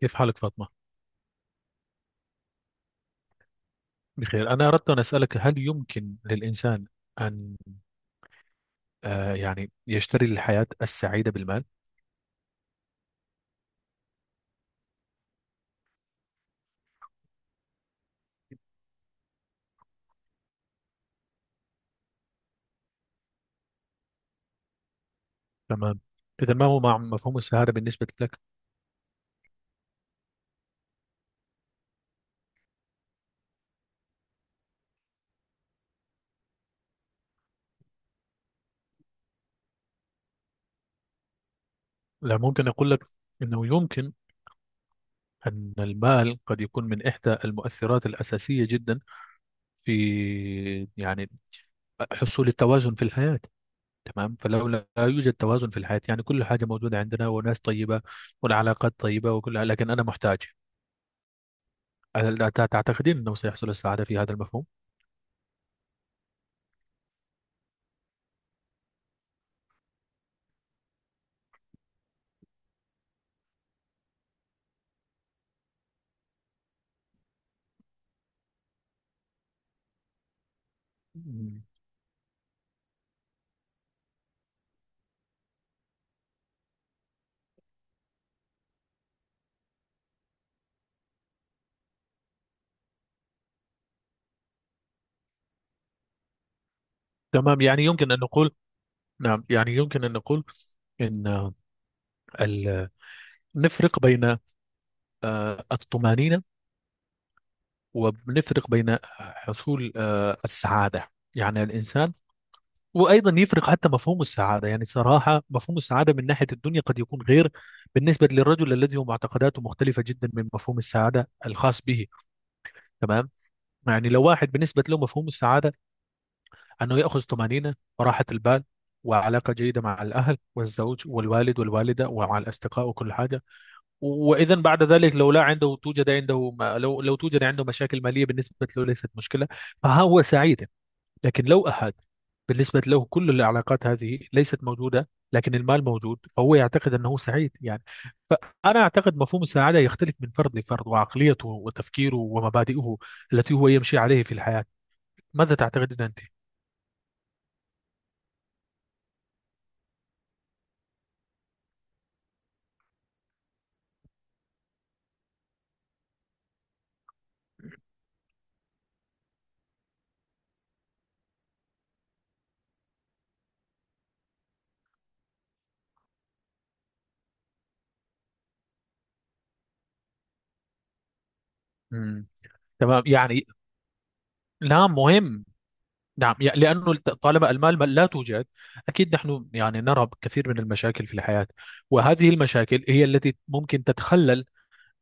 كيف حالك فاطمة؟ بخير. أنا أردت أن أسألك، هل يمكن للإنسان أن يعني يشتري الحياة السعيدة بالمال؟ تمام. إذا ما هو مع مفهوم السعادة بالنسبة لك؟ لا، ممكن أقول لك أنه يمكن أن المال قد يكون من إحدى المؤثرات الأساسية جدا في يعني حصول التوازن في الحياة. تمام، فلو لا يوجد توازن في الحياة يعني كل حاجة موجودة عندنا وناس طيبة والعلاقات طيبة وكلها، لكن أنا محتاج. هل تعتقدين أنه سيحصل السعادة في هذا المفهوم؟ مم. تمام يعني يمكن أن نقول، نعم يعني يمكن أن نقول إن ال- نفرق بين الطمأنينة ونفرق بين حصول السعادة، يعني الإنسان. وأيضا يفرق حتى مفهوم السعادة، يعني صراحة مفهوم السعادة من ناحية الدنيا قد يكون غير بالنسبة للرجل الذي هو معتقداته مختلفة جدا من مفهوم السعادة الخاص به. تمام. يعني لو واحد بالنسبة له مفهوم السعادة أنه يأخذ طمأنينة وراحة البال وعلاقة جيدة مع الأهل والزوج والوالد والوالدة ومع الأصدقاء وكل حاجة، وإذا بعد ذلك لو لا عنده توجد عنده ما لو توجد عنده مشاكل مالية بالنسبة له ليست مشكلة، فهو سعيد. لكن لو أحد بالنسبة له كل العلاقات هذه ليست موجودة لكن المال موجود، فهو يعتقد أنه سعيد يعني. فأنا أعتقد مفهوم السعادة يختلف من فرد لفرد، وعقليته وتفكيره ومبادئه التي هو يمشي عليه في الحياة. ماذا تعتقدين أنت؟ تمام يعني. نعم مهم. نعم لأنه طالما المال لا توجد. أكيد نحن يعني نرى كثير من المشاكل في الحياة، وهذه المشاكل هي التي ممكن تتخلل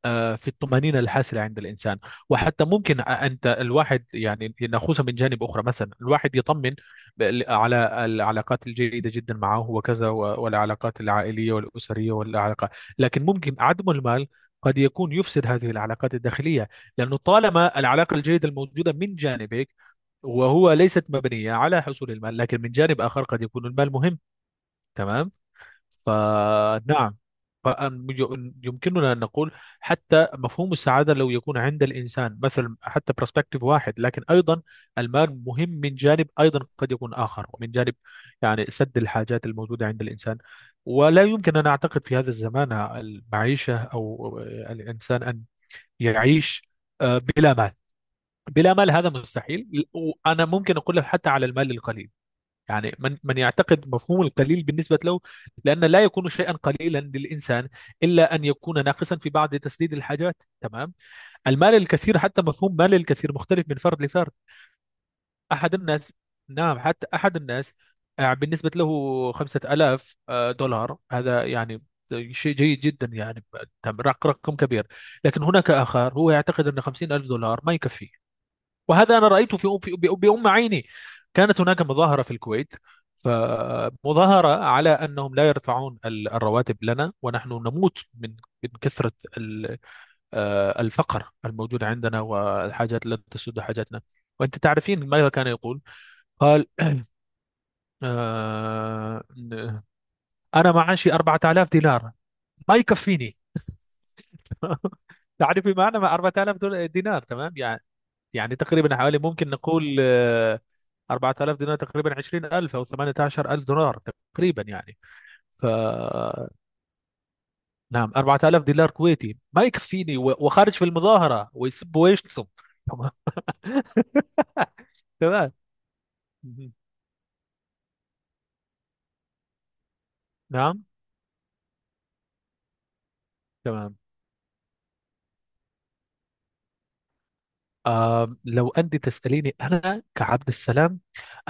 في الطمأنينة الحاصلة عند الإنسان. وحتى ممكن أنت الواحد يعني نأخذها من جانب أخرى، مثلا الواحد يطمن على العلاقات الجيدة جدا معه وكذا والعلاقات العائلية والأسرية والعلاقة. لكن ممكن عدم المال قد يكون يفسد هذه العلاقات الداخلية، لأنه طالما العلاقة الجيدة الموجودة من جانبك وهو ليست مبنية على حصول المال، لكن من جانب آخر قد يكون المال مهم. تمام. فنعم. يمكننا أن نقول حتى مفهوم السعادة لو يكون عند الإنسان مثل حتى برسبكتيف واحد، لكن أيضا المال مهم من جانب أيضا قد يكون آخر، ومن جانب يعني سد الحاجات الموجودة عند الإنسان. ولا يمكن أن أعتقد في هذا الزمان المعيشة أو الإنسان أن يعيش بلا مال. بلا مال هذا مستحيل. وأنا ممكن أقول لك حتى على المال القليل، يعني من يعتقد مفهوم القليل بالنسبة له، لأن لا يكون شيئا قليلا للإنسان إلا أن يكون ناقصا في بعض تسديد الحاجات. تمام. المال الكثير، حتى مفهوم مال الكثير مختلف من فرد لفرد. أحد الناس، نعم حتى أحد الناس بالنسبة له 5000 دولار هذا يعني شيء جيد جدا يعني، رقم كبير. لكن هناك آخر هو يعتقد أن 50000 دولار ما يكفي. وهذا أنا رأيته بأم عيني. كانت هناك مظاهرة في الكويت، فمظاهرة على أنهم لا يرفعون الرواتب لنا ونحن نموت من كثرة ال- الفقر الموجود عندنا والحاجات التي تسد حاجاتنا. وأنت تعرفين ماذا كان يقول؟ قال آه، أنا معاشي 4000 دينار ما يكفيني. تعرفي معنى ما 4000 دينار؟ تمام يعني. يعني تقريبا حوالي ممكن نقول 4000 دينار تقريبا 20000 او 18000 دولار تقريبا يعني. ف نعم، 4000 دينار كويتي ما يكفيني وخارج في المظاهرة ويسب ويشتم. تمام. تمام. مهم. نعم. تمام. آه لو أنت تسأليني أنا كعبد السلام،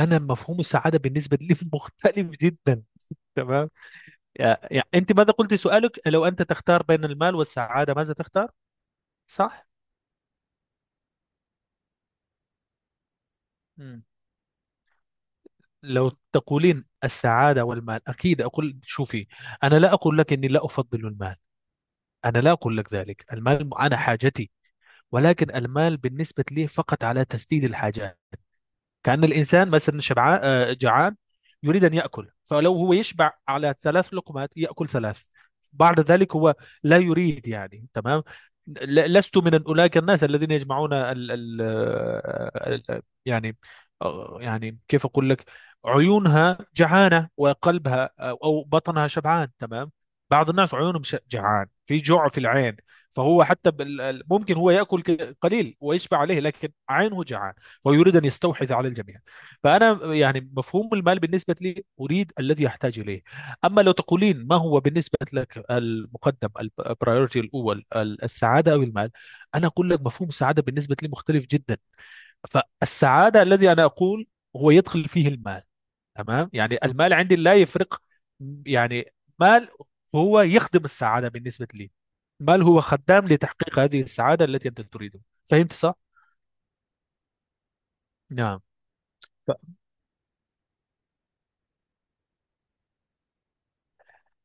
أنا مفهوم السعادة بالنسبة لي مختلف جدا. تمام. يعني أنت ماذا قلت سؤالك، لو أنت تختار بين المال والسعادة ماذا تختار، صح؟ لو تقولين السعادة والمال أكيد أقول، شوفي، أنا لا أقول لك إني لا أفضل المال. أنا لا أقول لك ذلك، المال أنا حاجتي. ولكن المال بالنسبة لي فقط على تسديد الحاجات. كأن الإنسان مثلا شبعان جعان يريد أن يأكل، فلو هو يشبع على ثلاث لقمات يأكل ثلاث، بعد ذلك هو لا يريد يعني. تمام. لست من أولئك الناس الذين يجمعون ال يعني يعني كيف أقول لك، عيونها جعانة وقلبها أو بطنها شبعان. تمام. بعض الناس عيونهم جعان، في جوع في العين. فهو حتى ممكن هو يأكل قليل ويشبع عليه، لكن عينه جعان ويريد أن يستحوذ على الجميع. فأنا يعني مفهوم المال بالنسبة لي أريد الذي أحتاج إليه. أما لو تقولين ما هو بالنسبة لك المقدم، البرايورتي الأول السعادة أو المال، أنا أقول لك مفهوم السعادة بالنسبة لي مختلف جدا. فالسعادة الذي أنا أقول هو يدخل فيه المال. تمام، يعني المال عندي لا يفرق، يعني مال هو يخدم السعادة بالنسبة لي، مال هو خدام لتحقيق هذه السعادة التي أنت تريدها. فهمت صح؟ نعم.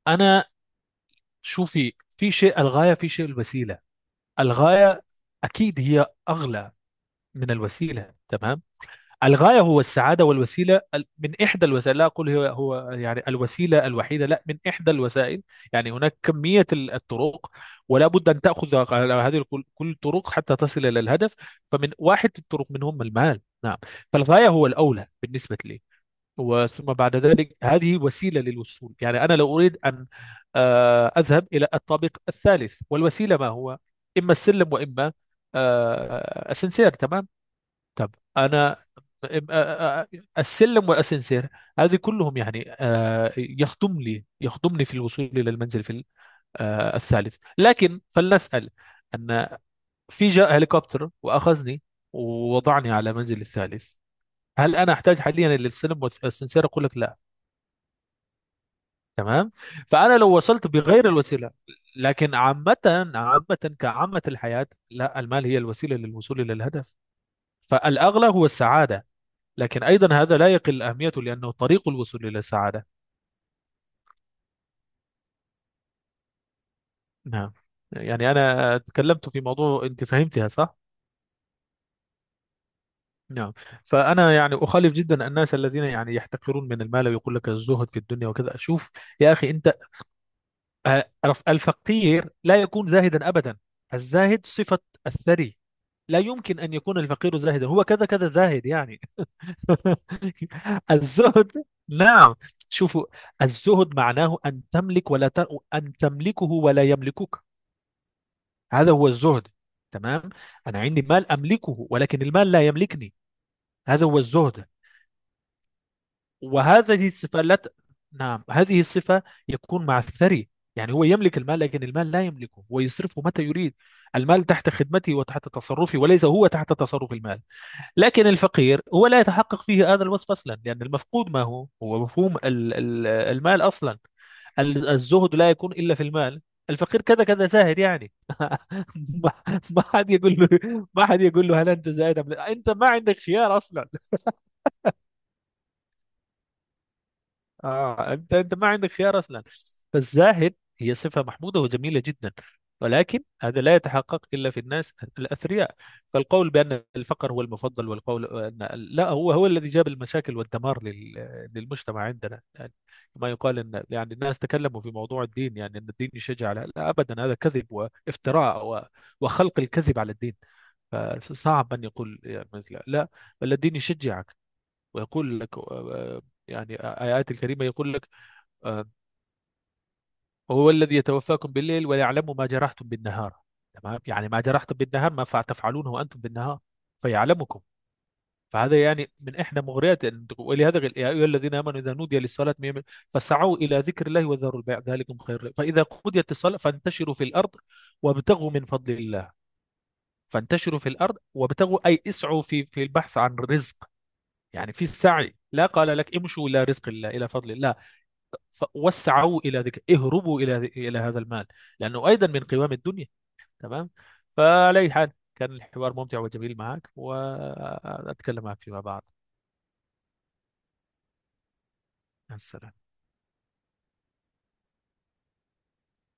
أنا، شوفي، في شيء الغاية في شيء الوسيلة. الغاية أكيد هي أغلى من الوسيلة. تمام. الغاية هو السعادة، والوسيلة من إحدى الوسائل، لا أقول هو يعني الوسيلة الوحيدة، لا، من إحدى الوسائل. يعني هناك كمية الطرق، ولا بد أن تأخذ على هذه كل الطرق حتى تصل إلى الهدف. فمن واحد الطرق منهم المال، نعم. فالغاية هو الأولى بالنسبة لي، وثم بعد ذلك هذه وسيلة للوصول. يعني أنا لو أريد أن أذهب إلى الطابق الثالث والوسيلة ما هو، إما السلم وإما أسانسير. تمام. طب أنا إم- آه، آه، آه، السلم والأسانسير هذه كلهم يعني يخدم لي يخدمني في الوصول إلى المنزل في الثالث. لكن فلنسأل أن في جاء هليكوبتر وأخذني ووضعني على منزل الثالث، هل أنا أحتاج حاليا للسلم والأسانسير؟ أقول لك لا. تمام. فانا لو وصلت بغير الوسيله. لكن عامه، عامه كعامه الحياه، لا، المال هي الوسيله للوصول الى الهدف. فالاغلى هو السعاده، لكن ايضا هذا لا يقل اهميته لانه طريق الوصول الى السعاده. نعم، يعني انا تكلمت في موضوع انت فهمتها صح. نعم. فانا يعني اخالف جدا الناس الذين يعني يحتقرون من المال ويقول لك الزهد في الدنيا وكذا. شوف يا اخي، انت آه، الفقير لا يكون زاهدا ابدا. الزاهد صفه الثري. لا يمكن أن يكون الفقير زاهدا، هو كذا كذا زاهد يعني. الزهد، نعم. شوفوا، الزهد معناه أن تملك ولا ت... أن تملكه ولا يملكك. هذا هو الزهد. تمام. أنا عندي مال أملكه ولكن المال لا يملكني. هذا هو الزهد. وهذه الصفة لا ت... نعم، هذه الصفة يكون مع الثري. يعني هو يملك المال لكن المال لا يملكه، هو يصرفه متى يريد. المال تحت خدمتي وتحت تصرفي، وليس هو تحت تصرف المال. لكن الفقير هو لا يتحقق فيه هذا الوصف أصلا، لأن المفقود ما هو هو مفهوم المال أصلا. الزهد لا يكون إلا في المال. الفقير كذا كذا زاهد يعني. ما ما حد يقول له، هل أنت زاهد أم لا؟ أنت ما عندك خيار أصلا. آه، أنت ما عندك خيار أصلا. فالزاهد هي صفة محمودة وجميلة جدا، ولكن هذا لا يتحقق إلا في الناس الأثرياء. فالقول بأن الفقر هو المفضل والقول أن لا، هو هو الذي جاب المشاكل والدمار للمجتمع عندنا يعني. ما يقال أن يعني الناس تكلموا في موضوع الدين، يعني أن الدين يشجع على، لا، أبدا، هذا كذب وافتراء وخلق الكذب على الدين. فصعب أن يقول يعني مثل، لا، بل الدين يشجعك ويقول لك آه، يعني آيات الكريمة يقول لك آه، هو الذي يتوفاكم بالليل ويعلم ما جرحتم بالنهار. تمام، يعني ما جرحتم بالنهار ما فع- تفعلونه وأنتم بالنهار فيعلمكم. فهذا يعني من إحدى مغريات أن ولهذا قال، يا أيها الذين آمنوا إذا نودي للصلاة فسعوا إلى ذكر الله وذروا البيع ذلكم خير لكم فإذا قضيت الصلاة فانتشروا في الأرض وابتغوا من فضل الله. فانتشروا في الأرض وابتغوا، أي اسعوا في البحث عن رزق، يعني في السعي، لا قال لك امشوا إلى رزق الله إلى فضل الله. فوسعوا الى ذكر، اهربوا الى هذا المال، لانه ايضا من قوام الدنيا. تمام. فعلى اي حال، كان الحوار ممتع وجميل معك، واتكلم معك فيما بعد. مع السلامه.